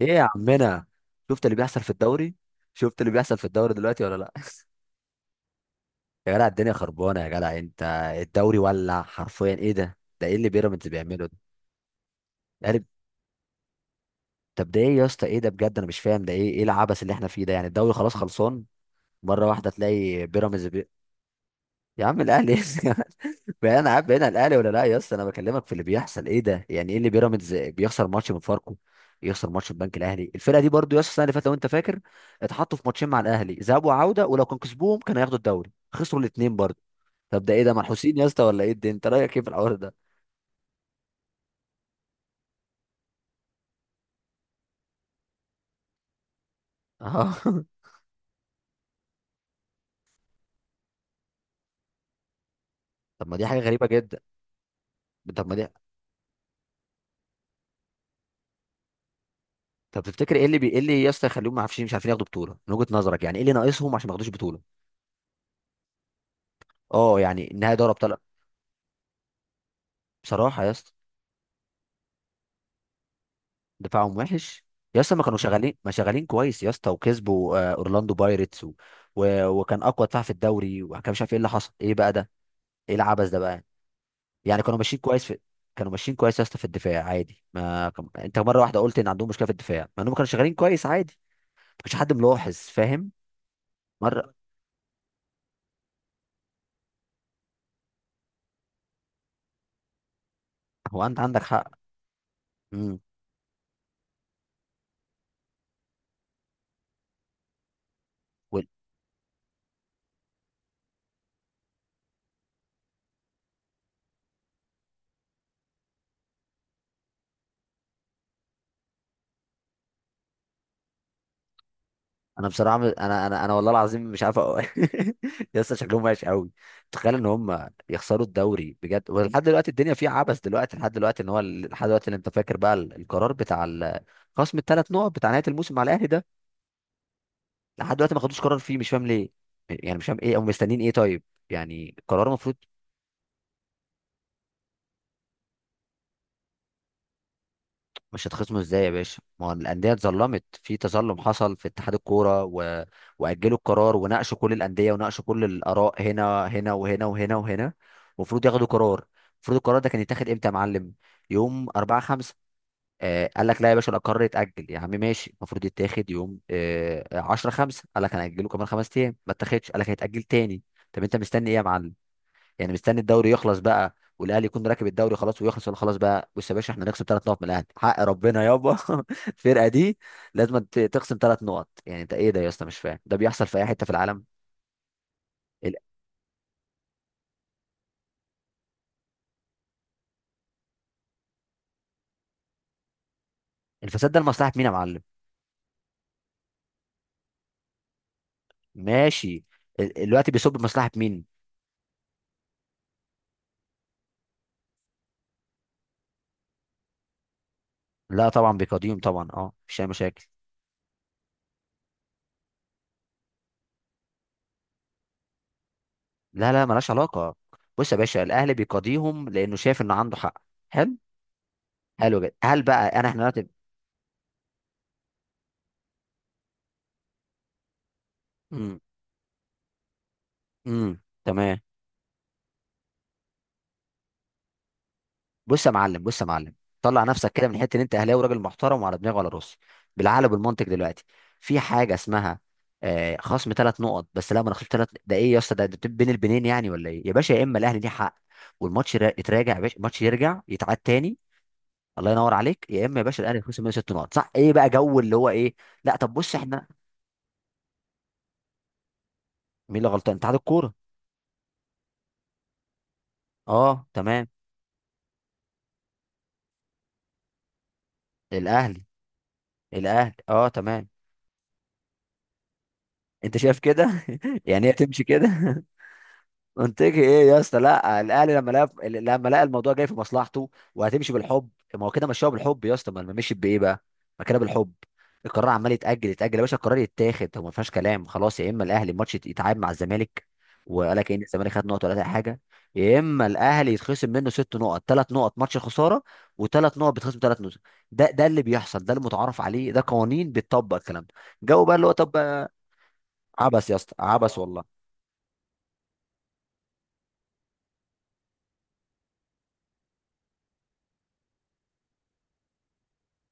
ايه يا عمنا، شفت اللي بيحصل في الدوري؟ شفت اللي بيحصل في الدوري دلوقتي ولا لا؟ يا جدع الدنيا خربانه يا جدع انت. الدوري ولع حرفيا. ايه ده ايه اللي بيراميدز بيعمله ده؟ يعني طب ده ايه يا اسطى؟ ايه ده بجد؟ انا مش فاهم ده ايه. ايه العبث اللي احنا فيه ده؟ يعني الدوري خلاص خلصان. مره واحده تلاقي بيراميدز. يا عم الاهلي. بقى انا عارف بعيد عن الاهلي ولا لا يا اسطى. انا بكلمك في اللي بيحصل. ايه ده؟ يعني ايه اللي بيراميدز بيخسر ماتش من فاركو، يخسر ماتش من بنك الاهلي؟ الفرقه دي برضو يا اسطى السنه اللي فاتت لو انت فاكر اتحطوا في ماتشين مع الاهلي، ذهاب وعوده، ولو كان كسبوهم كانوا هياخدوا الدوري، خسروا الاثنين برضو. طب ده ايه ده؟ منحوسين يا اسطى ولا ايه؟ ده انت رايك ايه في الحوار ده؟ اه. طب ما دي حاجه غريبه جدا. طب ما دي. طب تفتكر ايه اللي ايه اللي يا اسطى يخليهم ما عارفين مش عارفين ياخدوا بطوله من وجهه نظرك؟ يعني ايه اللي ناقصهم عشان ما ياخدوش بطوله؟ اه يعني النهائي دوري ابطال. بصراحه يا اسطى دفاعهم وحش. يا اسطى ما كانوا شغالين، ما شغالين كويس يا اسطى، وكسبوا اورلاندو بايرتس وكان اقوى دفاع في الدوري، وكان مش عارف ايه اللي حصل. ايه بقى ده؟ ايه العبث ده بقى؟ يعني كانوا ماشيين كويس في، كانوا ماشيين كويس يا اسطى في الدفاع عادي. ما كان... انت مره واحده قلت ان عندهم مشكله في الدفاع مع انهم كانوا شغالين كويس عادي. ما كانش حد ملاحظ، فاهم؟ مره. هو انت عندك حق. امم انا بصراحه انا والله العظيم مش عارف أقول. يا اسطى شكلهم وحش قوي. تخيل ان هم يخسروا الدوري بجد، ولحد دلوقتي الدنيا فيها عبث. دلوقتي لحد دلوقتي ان هو لحد دلوقتي اللي انت فاكر بقى القرار بتاع خصم الثلاث نقط بتاع نهايه الموسم على الاهلي ده، لحد دلوقتي ما خدوش قرار فيه. مش فاهم ليه. يعني مش فاهم ايه، او مستنيين ايه؟ طيب، يعني قرار المفروض. مش هتخصموا ازاي يا باشا؟ ما هو الانديه اتظلمت، في تظلم حصل في اتحاد الكوره، واجلوا القرار وناقشوا كل الانديه وناقشوا كل الاراء هنا، هنا وهنا وهنا وهنا. المفروض ياخدوا قرار. المفروض القرار ده كان يتاخد امتى يا معلم؟ يوم 4 5. آه قال لك لا يا باشا، القرار يتاجل. يا عم ماشي، المفروض يتاخد يوم آه 10 5. قال لك هنأجله كمان 5 ايام، ما اتاخدش، قال لك هيتاجل تاني. طب انت مستني ايه يا معلم؟ يعني مستني الدوري يخلص بقى والاهلي يكون راكب الدوري خلاص ويخلص؟ ولا خلاص بقى بص يا باشا احنا نخصم 3 نقط من الاهلي حق ربنا يابا. الفرقه دي لازم تخصم 3 نقط. يعني انت ايه ده يا اسطى؟ مش فاهم ده بيحصل في اي حته في العالم. ال- الفساد ده لمصلحه مين يا معلم؟ ماشي. الوقت بيصب بمصلحه مين؟ لا طبعا بيقاضيهم طبعا، اه، مفيش اي مشاكل. لا لا، ملهاش علاقه. بص يا باشا الاهلي بيقاضيهم لانه شايف انه عنده حق. حلو. حلو جدا. هل بقى انا احنا دلوقتي. امم امم تمام. بص يا معلم، بص يا معلم، طلع نفسك كده من حته ان انت اهلاوي، راجل محترم وعلى دماغي وعلى راسي. بالعقل بالمنطق دلوقتي في حاجه اسمها آه خصم 3 نقط. بس لا ما انا خصمت 3، ده ايه يا اسطى؟ ده بين البنين يعني ولا ايه يا باشا؟ يا اما الاهلي ليه حق والماتش يتراجع يا باشا، الماتش يرجع يتعاد تاني، الله ينور عليك. يا اما يا باشا الاهلي يخسر منه 6 نقط، صح؟ ايه بقى جو اللي هو ايه؟ لا طب بص احنا. مين اللي غلطان؟ اتحاد الكوره. اه تمام. الاهلي. الاهلي اه تمام. انت شايف كده؟ يعني هي تمشي كده؟ منطقي ايه يا اسطى؟ لا الاهلي لما لقى، لما لقى الموضوع جاي في مصلحته، وهتمشي بالحب. ما هو كده مشاها بالحب يا اسطى، ما ما مشيت بايه بقى؟ ما كده بالحب. القرار عمال يتاجل يا باشا. القرار يتاخد هو، ما فيهاش كلام. خلاص يا اما الاهلي الماتش يتعاد مع الزمالك، وقال لك ان الزمالك خد نقط ولا اي حاجه، يا اما الاهلي يتخصم منه 6 نقط: 3 نقط ماتش خساره، وثلاث نقط بتخصم 3 نقط. ده اللي بيحصل، ده المتعارف عليه، ده قوانين بتطبق الكلام ده. جو بقى اللي هو طب. عبس يا اسطى، عبس والله.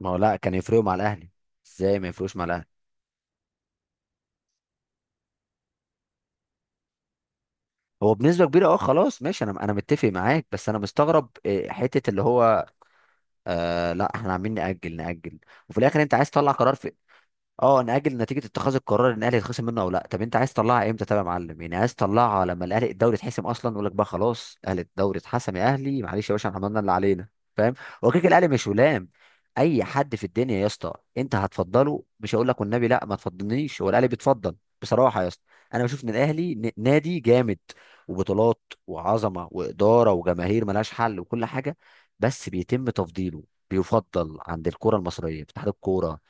ما هو لا كان يفرقوا مع الاهلي، ازاي ما يفرقوش مع الاهلي؟ هو بنسبه كبيره اه، خلاص ماشي، انا متفق معاك، بس انا مستغرب إيه، حته اللي هو آه، لا احنا عاملين ناجل، وفي الاخر انت عايز تطلع قرار في. اه نأجل نتيجة اتخاذ القرار ان الاهلي يتخصم منه او لا. طب انت عايز تطلعها امتى طب يا معلم؟ يعني عايز تطلعها لما الاهلي الدوري اتحسم اصلا؟ يقول لك بقى خلاص اهلي الدوري اتحسم، يا اهلي معلش يا باشا احنا عملنا اللي علينا. فاهم؟ هو كده كده الاهلي مش ولام. اي حد في الدنيا يا اسطى. انت هتفضله، مش هقول لك والنبي لا ما تفضلنيش، هو الاهلي بيتفضل. بصراحة يا اسطى انا بشوف ان الاهلي نادي جامد، وبطولات وعظمة وإدارة وجماهير ملهاش حل وكل حاجة، بس بيتم تفضيله، بيفضل عند الكرة المصرية في اتحاد الكورة.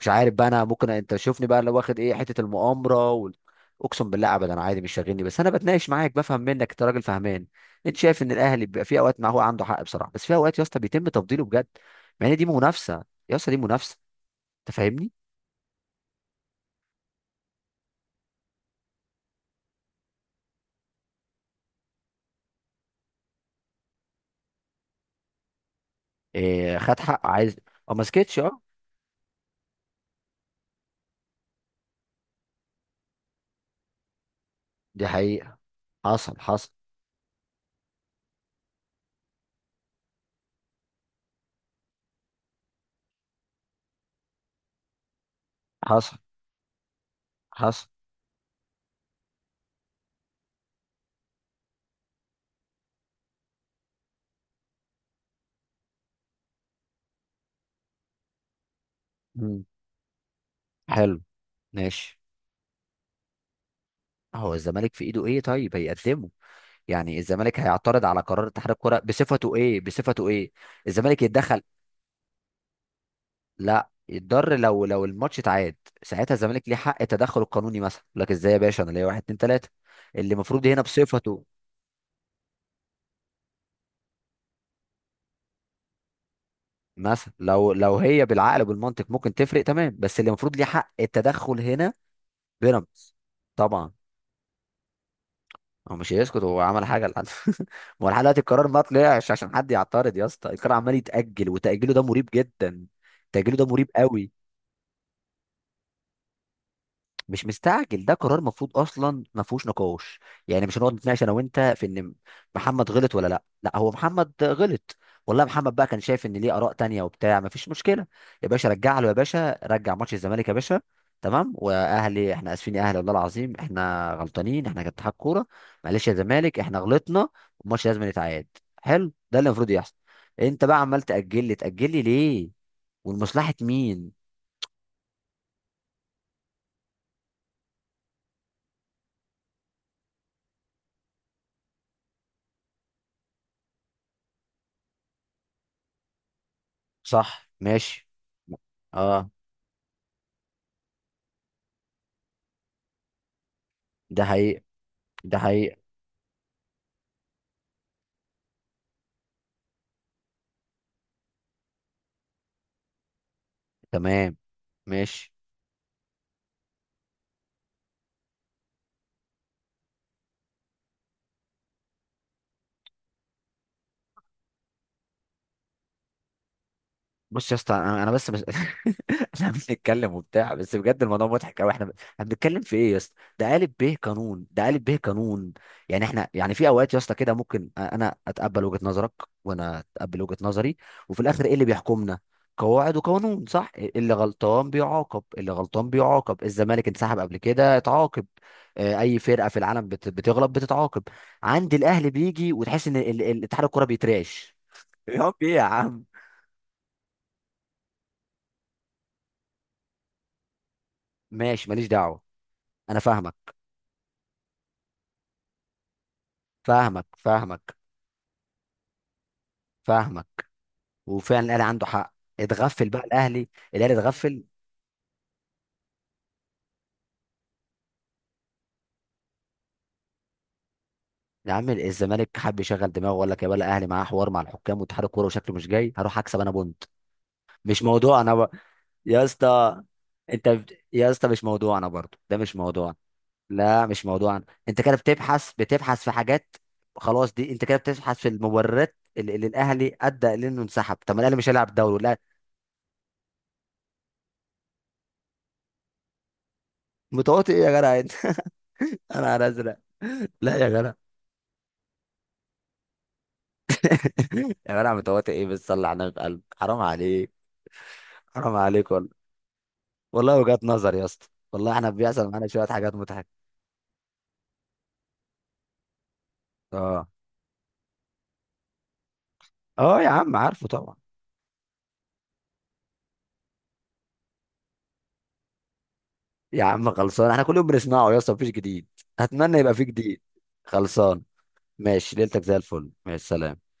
مش عارف بقى انا، ممكن انت شوفني بقى لو واخد ايه حته المؤامره اقسم بالله ابدا، انا عادي مش شاغلني، بس انا بتناقش معاك بفهم منك، انت راجل فهمان. انت شايف ان الاهلي بيبقى في اوقات ما هو عنده حق بصراحه، بس في اوقات يا اسطى بيتم تفضيله بجد، مع ان دي منافسه يا اسطى، دي منافسه. انت فاهمني. إيه، خد حق عايز. اه ما سكتش، اه. دي حقيقه. حصل حصل. حصل حصل. مم. حلو. ماشي. هو الزمالك في ايده ايه طيب هيقدمه؟ يعني الزمالك هيعترض على قرار اتحاد الكوره بصفته ايه؟ بصفته ايه؟ الزمالك يتدخل. لا يتضر لو لو الماتش اتعاد، ساعتها الزمالك ليه حق التدخل القانوني مثلا، يقول لك ازاي يا باشا انا ليا واحد اتنين تلاته. اللي المفروض هنا بصفته مثلا، لو لو هي بالعقل وبالمنطق ممكن تفرق تمام، بس اللي المفروض ليه حق التدخل هنا بيراميدز. طبعا. هو مش هيسكت، هو عمل حاجه لحد. ما هو لحد دلوقتي القرار ما طلعش عشان حد يعترض يا اسطى. القرار عمال يتاجل، وتاجيله ده مريب جدا، تاجيله ده مريب قوي. مش مستعجل، ده قرار مفروض اصلا ما فيهوش نقاش. يعني مش هنقعد نتناقش انا وانت في ان محمد غلط ولا لا. لا هو محمد غلط والله. محمد بقى كان شايف ان ليه اراء تانية وبتاع، ما فيش مشكله. يا باشا رجع له، يا باشا رجع ماتش الزمالك يا باشا، تمام. واهلي احنا اسفين يا اهلي والله العظيم، احنا غلطانين احنا كاتحاد كوره، معلش يا زمالك احنا غلطنا، والماتش لازم يتعاد. حلو، ده اللي المفروض يحصل. انت بقى عمال تاجل لي ليه؟ والمصلحه مين؟ صح ماشي. اه ده حقيقي، ده حقيقة. تمام، ماشي. بص يا اسطى انا بس احنا بنتكلم وبتاع، بس بجد الموضوع مضحك قوي. احنا احنا بنتكلم في ايه يا اسطى؟ ده قالب به قانون، ده قالب به قانون. يعني احنا يعني في اوقات يا اسطى كده ممكن انا اتقبل وجهة نظرك، وانا اتقبل وجهة نظري، وفي الاخر ايه اللي بيحكمنا؟ قواعد وقانون صح؟ اللي غلطان بيعاقب، اللي غلطان بيعاقب. الزمالك انسحب قبل كده، اتعاقب. آه، اي فرقة في العالم بتغلط بتتعاقب. عند الاهلي بيجي وتحس ان اتحاد الكرة بيترعش. يا عم ايه يا عم؟ ماشي، ماليش دعوه. انا فاهمك. فاهمك فاهمك فاهمك وفعلا الاهلي عنده حق. اتغفل بقى الاهلي، الاهلي اتغفل. يا عم الزمالك حب يشغل دماغه وقال لك يا بلا، الاهلي معاه حوار مع الحكام واتحاد الكوره وشكله مش جاي، هروح اكسب انا بونت. مش موضوع انا يا اسطى انت يا اسطى مش موضوع انا برضه، ده مش موضوع. لا مش موضوع أنا. انت كده بتبحث في حاجات، خلاص دي انت كده بتبحث في المبررات اللي اللي الاهلي ادى لانه انسحب. طب ما الاهلي مش هيلعب دوري. متواطئ ايه يا جدع انت؟ انا ازرق؟ لا يا جدع. يا جدع متواطئ ايه بس؟ صلي على النبي بقلب، حرام عليك. حرام عليك والله، والله وجهات نظر يا اسطى. والله احنا بيحصل معانا شويه حاجات مضحكه. اه. اه يا عم عارفه طبعا. يا عم خلصان، احنا كل يوم بنسمعه يا اسطى، مفيش جديد. اتمنى يبقى فيه جديد. خلصان، ماشي، ليلتك زي الفل، ماشي سلام.